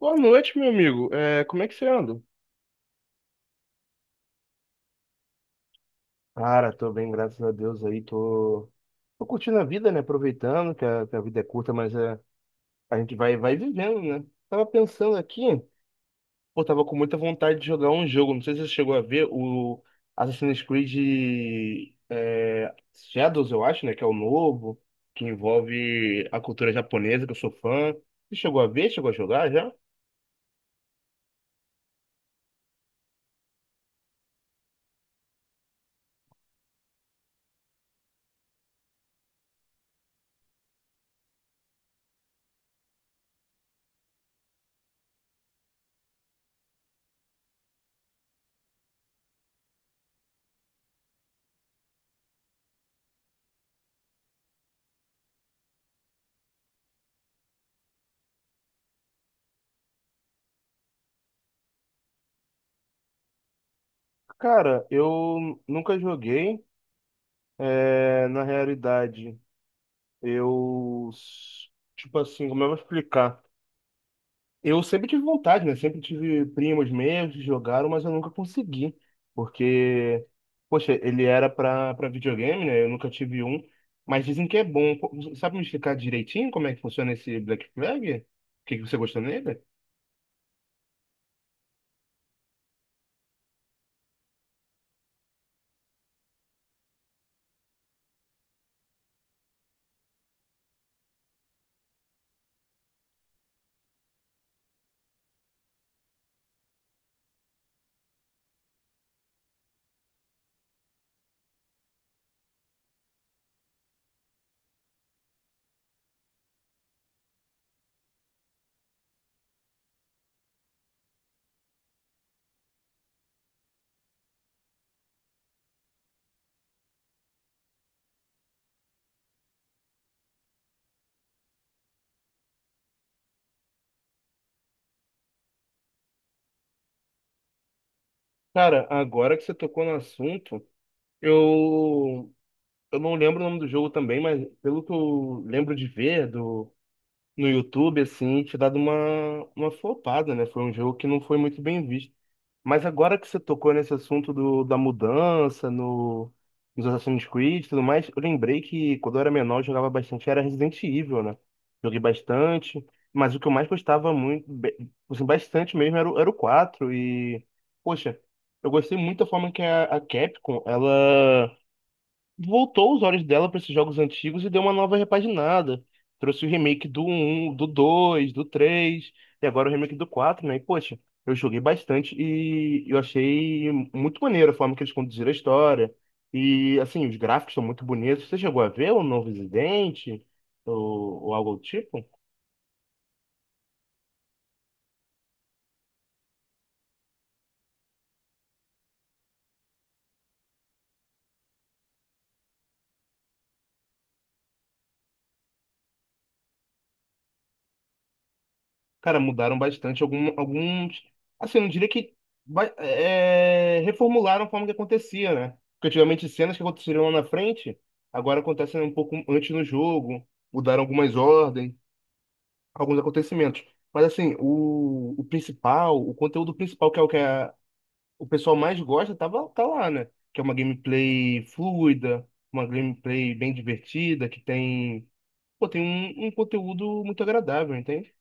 Boa noite, meu amigo. Como é que você anda? Cara, tô bem, graças a Deus aí, tô curtindo a vida, né? Aproveitando que a vida é curta, a gente vai vivendo, né? Tava pensando aqui, pô, tava com muita vontade de jogar um jogo, não sei se você chegou a ver o Assassin's Creed é, Shadows, eu acho, né? Que é o novo, que envolve a cultura japonesa, que eu sou fã. Você chegou a ver? Chegou a jogar já? Cara, eu nunca joguei. É, na realidade. Eu, tipo assim, como eu vou explicar? Eu sempre tive vontade, né? Sempre tive primos meus que jogaram, mas eu nunca consegui. Porque, poxa, ele era pra videogame, né? Eu nunca tive um. Mas dizem que é bom. Pô, sabe me explicar direitinho como é que funciona esse Black Flag? O que você gostou nele? Cara, agora que você tocou no assunto, eu, eu não lembro o nome do jogo também, mas pelo que eu lembro de ver, do no YouTube, assim, e te dado uma flopada, né? Foi um jogo que não foi muito bem visto. Mas agora que você tocou nesse assunto da mudança no, nos Assassin's Creed e tudo mais, eu lembrei que quando eu era menor eu jogava bastante, era Resident Evil, né? Joguei bastante, mas o que eu mais gostava muito, assim, bastante mesmo, era o 4 E, poxa, eu gostei muito da forma que a Capcom, ela voltou os olhos dela para esses jogos antigos e deu uma nova repaginada. Trouxe o remake do um, do 2, do 3 e agora o remake do 4, né? E, poxa, eu joguei bastante e eu achei muito maneiro a forma que eles conduziram a história. E, assim, os gráficos são muito bonitos. Você chegou a ver o novo Resident ou algo do tipo? Cara, mudaram bastante alguns. Assim, eu não diria que reformularam a forma que acontecia, né? Porque antigamente cenas que aconteceriam lá na frente, agora acontecem um pouco antes no jogo, mudaram algumas ordens, alguns acontecimentos. Mas assim, o principal, o conteúdo principal, que é o que o pessoal mais gosta, tá lá, né? Que é uma gameplay fluida, uma gameplay bem divertida, que tem, pô, tem um conteúdo muito agradável, entende?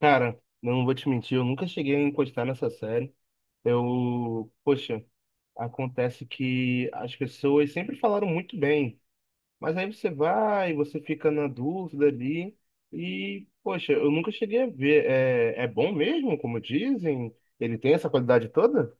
Cara, não vou te mentir, eu nunca cheguei a encostar nessa série. Eu, poxa, acontece que as pessoas sempre falaram muito bem, mas aí você fica na dúvida ali, e, poxa, eu nunca cheguei a ver. É, é bom mesmo, como dizem? Ele tem essa qualidade toda?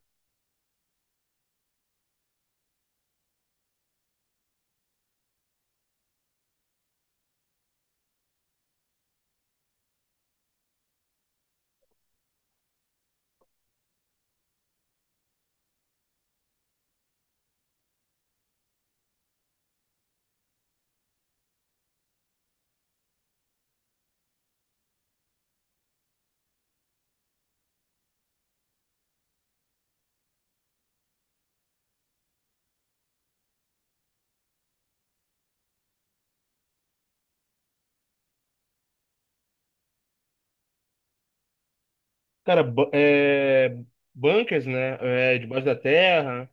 Cara, bunkers, né? É, debaixo da terra.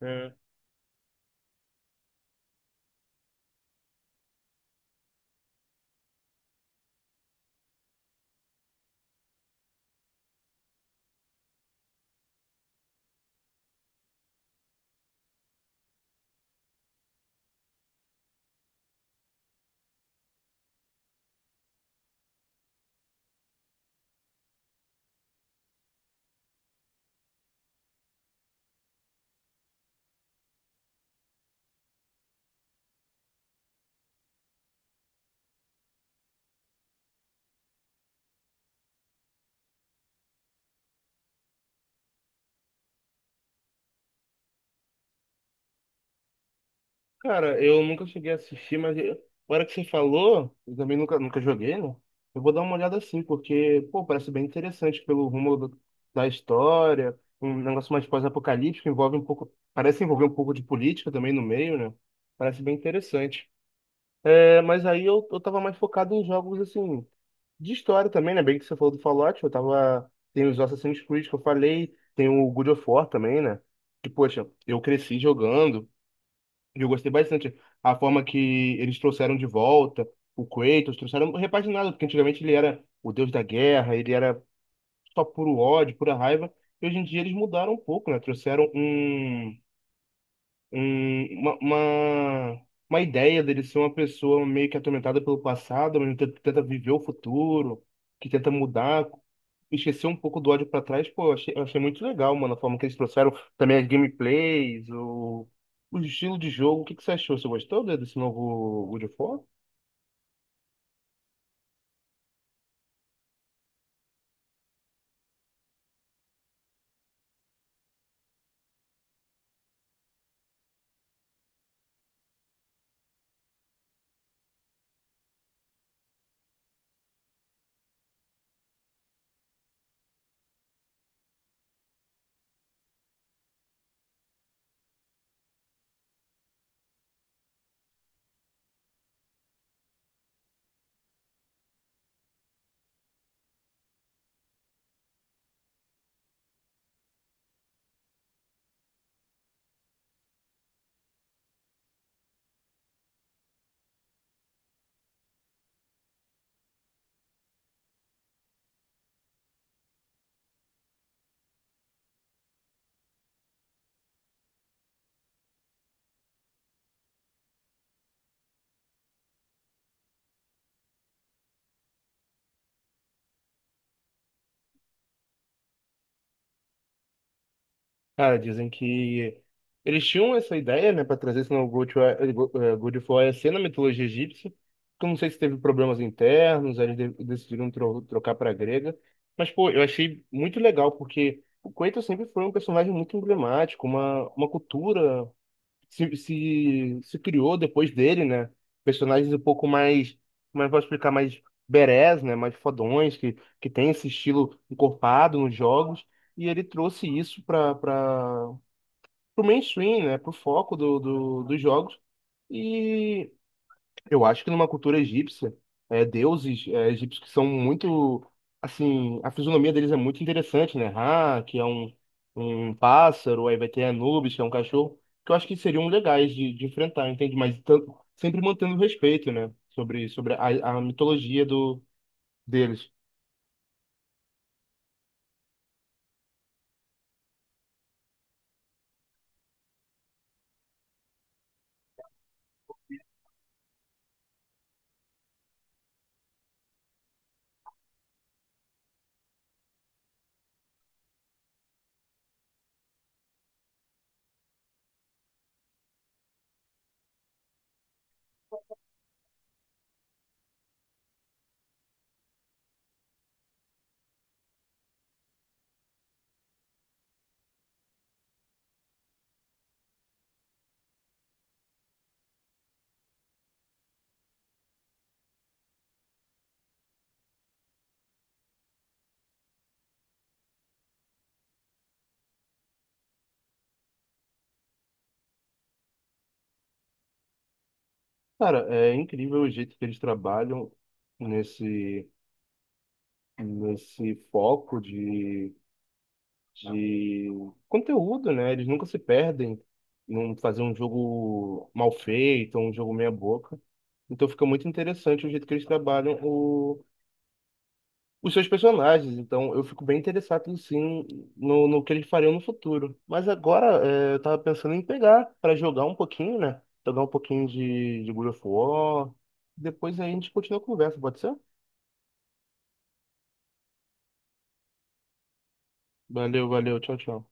Né? Cara, eu nunca cheguei a assistir, mas agora que você falou, eu também nunca joguei, né? Eu vou dar uma olhada assim, porque, pô, parece bem interessante pelo rumo da história, um negócio mais pós-apocalíptico, envolve um pouco, parece envolver um pouco de política também no meio, né? Parece bem interessante. É, mas aí eu tava mais focado em jogos, assim, de história também, né? Bem que você falou do Fallout, eu tava... Tem os Assassin's Creed que eu falei, tem o God of War também, né? Que, poxa, eu cresci jogando, eu gostei bastante. A forma que eles trouxeram de volta o Kratos, trouxeram repaginado, porque antigamente ele era o deus da guerra, ele era só puro ódio, pura raiva. E hoje em dia eles mudaram um pouco, né? Trouxeram um- uma, uma, uma ideia dele ser uma pessoa meio que atormentada pelo passado, mas que tenta viver o futuro, que tenta mudar, esquecer um pouco do ódio pra trás, pô, eu achei muito legal, mano, a forma que eles trouxeram também as gameplays, o estilo de jogo. O que que você achou? Você gostou desse novo God of War? Cara, dizem que eles tinham essa ideia, né, para trazer esse novo God, eh, Go- eh, God of War a ser na mitologia egípcia. Que Eu não sei se teve problemas internos, aí eles decidiram trocar para grega. Mas, pô, eu achei muito legal, porque o Kratos sempre foi um personagem muito emblemático, uma cultura se criou depois dele, né? Personagens um pouco mais, como é que eu posso explicar, mais berés, né? Mais fodões, que tem esse estilo encorpado nos jogos. E ele trouxe isso para o mainstream, né? Para o foco dos jogos. E eu acho que numa cultura egípcia, deuses egípcios que são muito, assim, a fisionomia deles é muito interessante, né? Ra, que é um pássaro, aí vai ter Anubis, que é um cachorro, que eu acho que seriam legais de enfrentar, entende? Mas tanto, sempre mantendo respeito, né? Sobre a mitologia do, deles. Cara, é incrível o jeito que eles trabalham nesse, nesse foco de conteúdo, né? Eles nunca se perdem em um, fazer um jogo mal feito, um jogo meia boca. Então fica muito interessante o jeito que eles trabalham os seus personagens. Então eu fico bem interessado, sim, no que eles fariam no futuro. Mas agora é, eu tava pensando em pegar para jogar um pouquinho, né? Jogar um pouquinho de God of War. Depois aí a gente continua a conversa, pode ser? Valeu, valeu, tchau, tchau.